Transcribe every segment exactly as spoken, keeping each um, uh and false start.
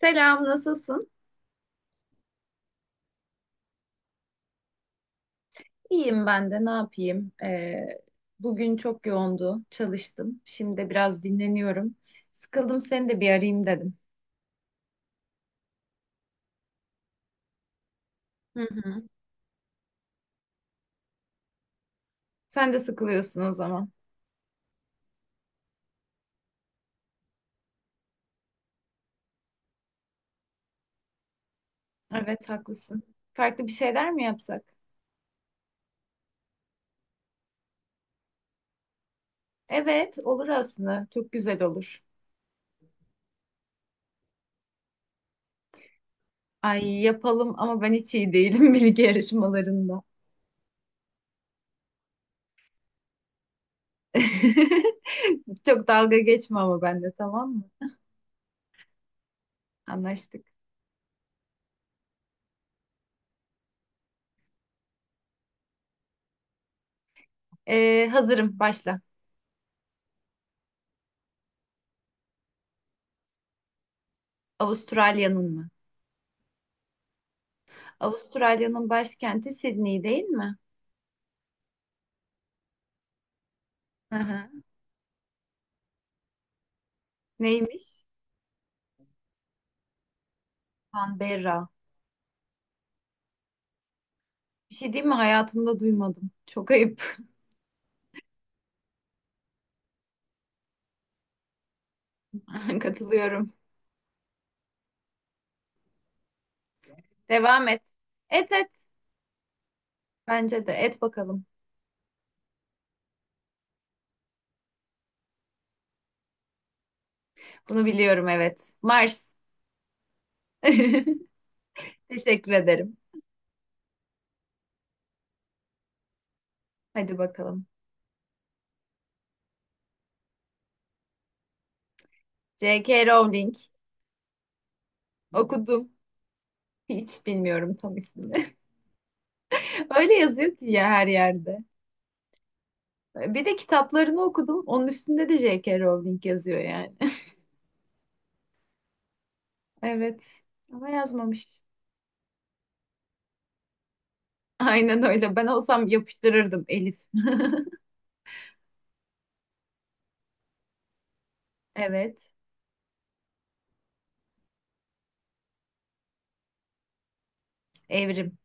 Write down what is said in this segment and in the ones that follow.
Selam, nasılsın? İyiyim ben de, ne yapayım? Ee, bugün çok yoğundu, çalıştım. Şimdi de biraz dinleniyorum. Sıkıldım, seni de bir arayayım dedim. Hı hı. Sen de sıkılıyorsun o zaman. Evet, haklısın. Farklı bir şeyler mi yapsak? Evet, olur aslında. Çok güzel olur. Ay yapalım ama ben hiç iyi değilim bilgi yarışmalarında. Çok dalga geçme ama benimle, tamam mı? Anlaştık. Ee, hazırım, başla. Avustralya'nın mı? Avustralya'nın başkenti Sydney değil mi? Hı hı. Neymiş? Canberra. Bir şey değil mi? Hayatımda duymadım. Çok ayıp. Katılıyorum. Devam et. Et et. Bence de et bakalım. Bunu biliyorum, evet. Mars. Teşekkür ederim. Hadi bakalım. J K. Rowling. Okudum. Hiç bilmiyorum tam ismini. Öyle yazıyor ki ya, her yerde. Bir de kitaplarını okudum. Onun üstünde de J K. Rowling yazıyor yani. Evet. Ama yazmamış. Aynen öyle. Ben olsam yapıştırırdım Elif. Evet. Evrim.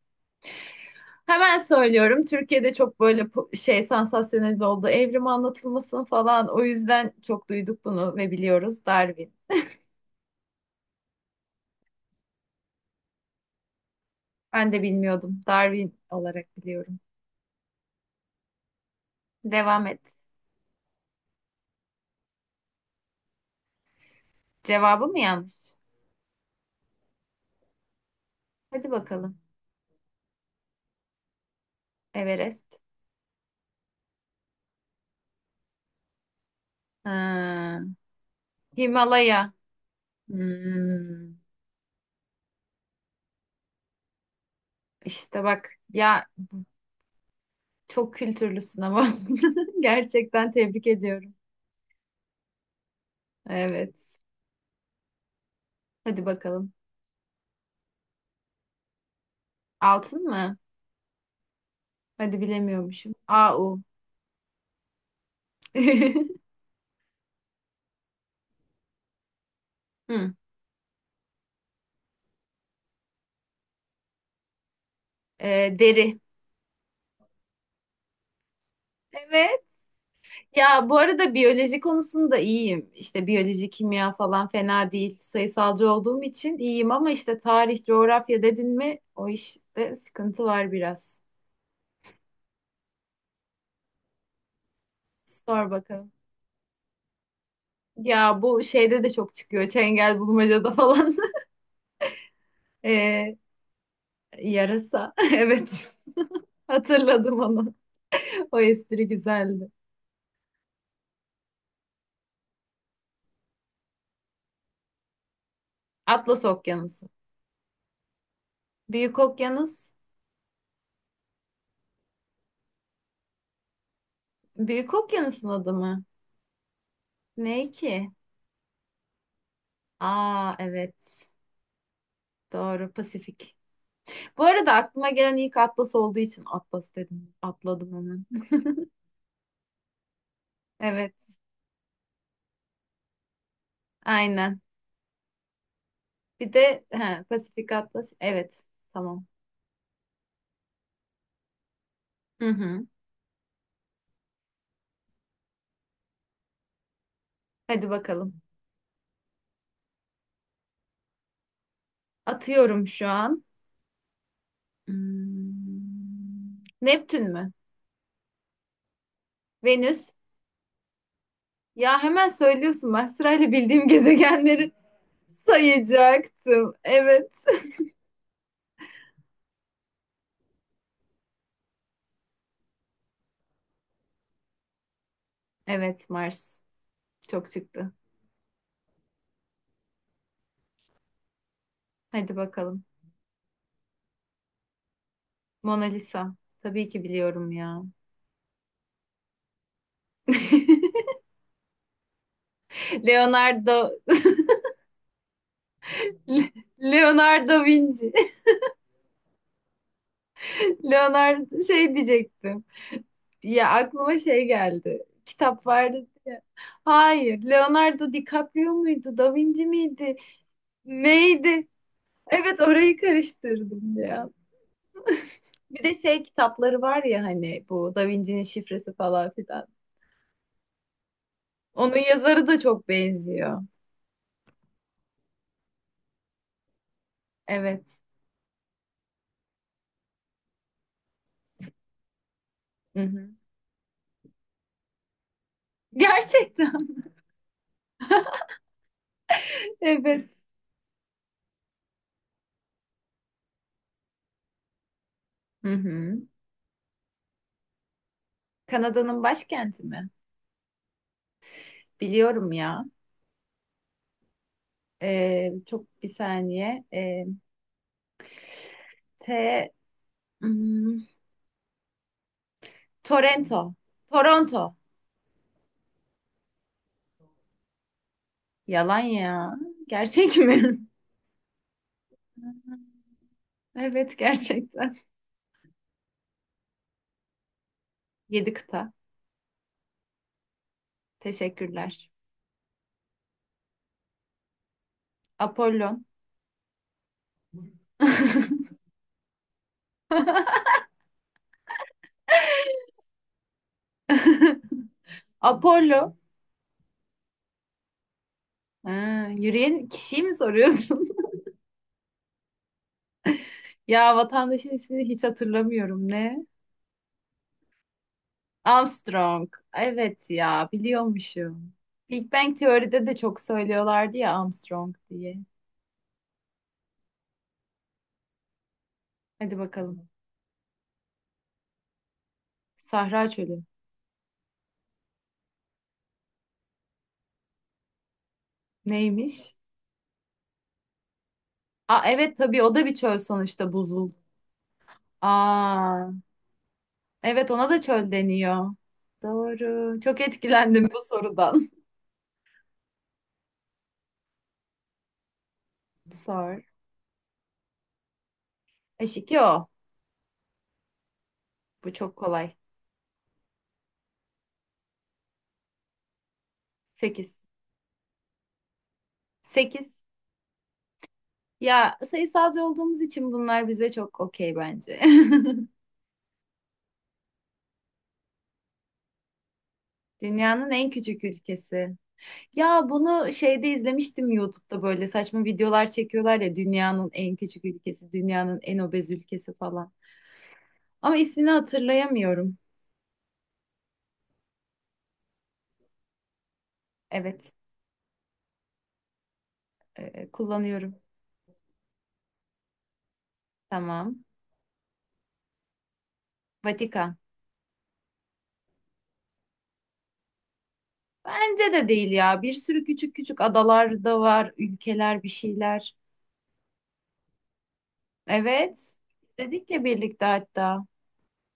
Hemen söylüyorum. Türkiye'de çok böyle po- şey, sansasyonel oldu. Evrim anlatılmasın falan. O yüzden çok duyduk bunu ve biliyoruz. Darwin. Ben de bilmiyordum. Darwin olarak biliyorum. Devam et. Cevabı mı yanlış? Hadi bakalım. Everest. Ha. Himalaya. Hmm. İşte bak ya, çok kültürlüsün ama gerçekten tebrik ediyorum. Evet. Hadi bakalım. Altın mı? Hadi bilemiyormuşum. A U. Hı. Ee, deri. Evet. Ya, bu arada biyoloji konusunda iyiyim. İşte biyoloji, kimya falan fena değil. Sayısalcı olduğum için iyiyim ama işte tarih, coğrafya dedin mi, o işte sıkıntı var biraz. Sor bakalım. Ya bu şeyde de çok çıkıyor. Çengel bulmacada falan. Ee, Yarasa. Evet. Hatırladım onu. O espri güzeldi. Atlas Okyanusu. Büyük Okyanus. Büyük Okyanus'un adı mı? Ne ki? Aa evet. Doğru, Pasifik. Bu arada aklıma gelen ilk Atlas olduğu için Atlas dedim. Atladım hemen. Evet. Aynen. Bir de he, Pasifik Atlas. Evet. Tamam. Hı hı. Hadi bakalım. Atıyorum şu an. Hmm. Neptün mü? Venüs. Ya hemen söylüyorsun, ben sırayla bildiğim gezegenleri sayacaktım. Evet. Evet, Mars çok çıktı. Hadi bakalım. Mona Lisa. Tabii ki biliyorum ya. Leonardo. Le- Leonardo da Vinci. Leonardo şey diyecektim. Ya, aklıma şey geldi. Kitap vardı ya. Hayır, Leonardo DiCaprio muydu? Da Vinci miydi? Neydi? Evet, orayı karıştırdım ya. Bir de şey kitapları var ya, hani bu Da Vinci'nin şifresi falan filan. Onun yazarı da çok benziyor. Evet. Hı hı. Gerçekten. Evet. Hı hı. Kanada'nın başkenti mi? Biliyorum ya. Ee, çok, bir saniye. Ee, T hmm, Toronto. Toronto. Yalan ya. Gerçek mi? Evet, gerçekten. Yedi kıta. Teşekkürler. Apollon. Apollo. Ha, yürüyen kişiyi mi soruyorsun? Ya, vatandaşın ismini hiç hatırlamıyorum. Ne? Armstrong. Evet ya, biliyormuşum. Big Bang Teori'de de çok söylüyorlardı ya, Armstrong diye. Hadi bakalım. Sahra çölü. Neymiş? Aa evet, tabii, o da bir çöl sonuçta, buzul. Aa evet, ona da çöl deniyor. Doğru. Çok etkilendim bu sorudan. Sor. Eşik o. Bu çok kolay. Sekiz. Sekiz. Ya sayısalcı olduğumuz için bunlar bize çok okey bence. Dünyanın en küçük ülkesi. Ya bunu şeyde izlemiştim, YouTube'da böyle saçma videolar çekiyorlar ya, dünyanın en küçük ülkesi, dünyanın en obez ülkesi falan. Ama ismini hatırlayamıyorum. Evet, e, kullanıyorum. Tamam. Vatikan. Bence de değil ya. Bir sürü küçük küçük adalar da var, ülkeler, bir şeyler. Evet. Dedik ya birlikte hatta.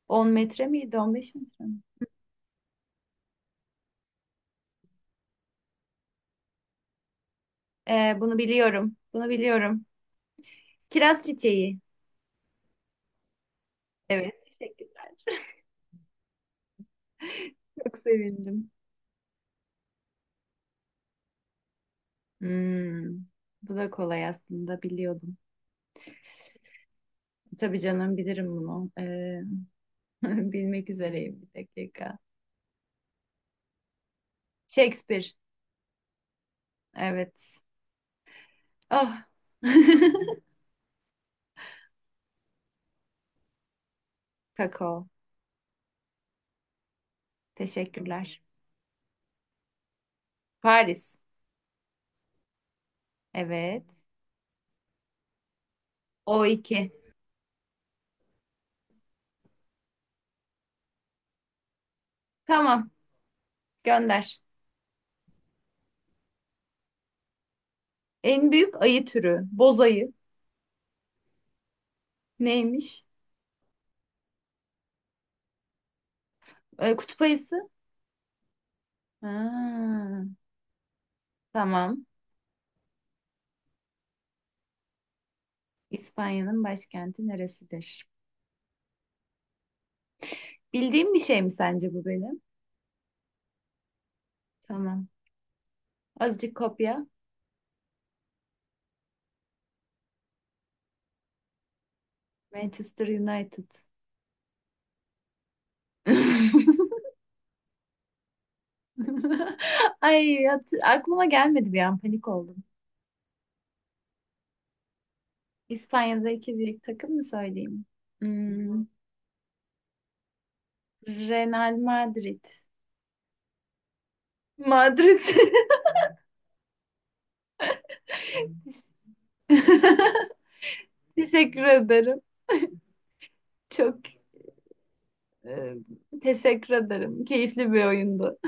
On metre miydi, on beş metre mi? E, bunu biliyorum. Bunu biliyorum. Kiraz çiçeği. Evet, teşekkürler. Çok sevindim. Hmm, Bu da kolay, aslında biliyordum. Tabii canım, bilirim bunu. Ee, bilmek üzereyim, bir dakika. Shakespeare. Evet. Oh. Kakao. Teşekkürler. Paris. Evet. o iki. Tamam. Gönder. En büyük ayı türü. Boz ayı. Neymiş? Ee, kutup ayısı. Ha, tamam. İspanya'nın başkenti neresidir? Bildiğim bir şey mi sence bu benim? Tamam. Azıcık kopya. Manchester United. Ay at- aklıma gelmedi, bir an panik oldum. İspanya'daki büyük takım mı söyleyeyim? Hmm, Real Madrid. Madrid. Teşekkür ederim. Çok e, teşekkür ederim. Keyifli bir oyundu.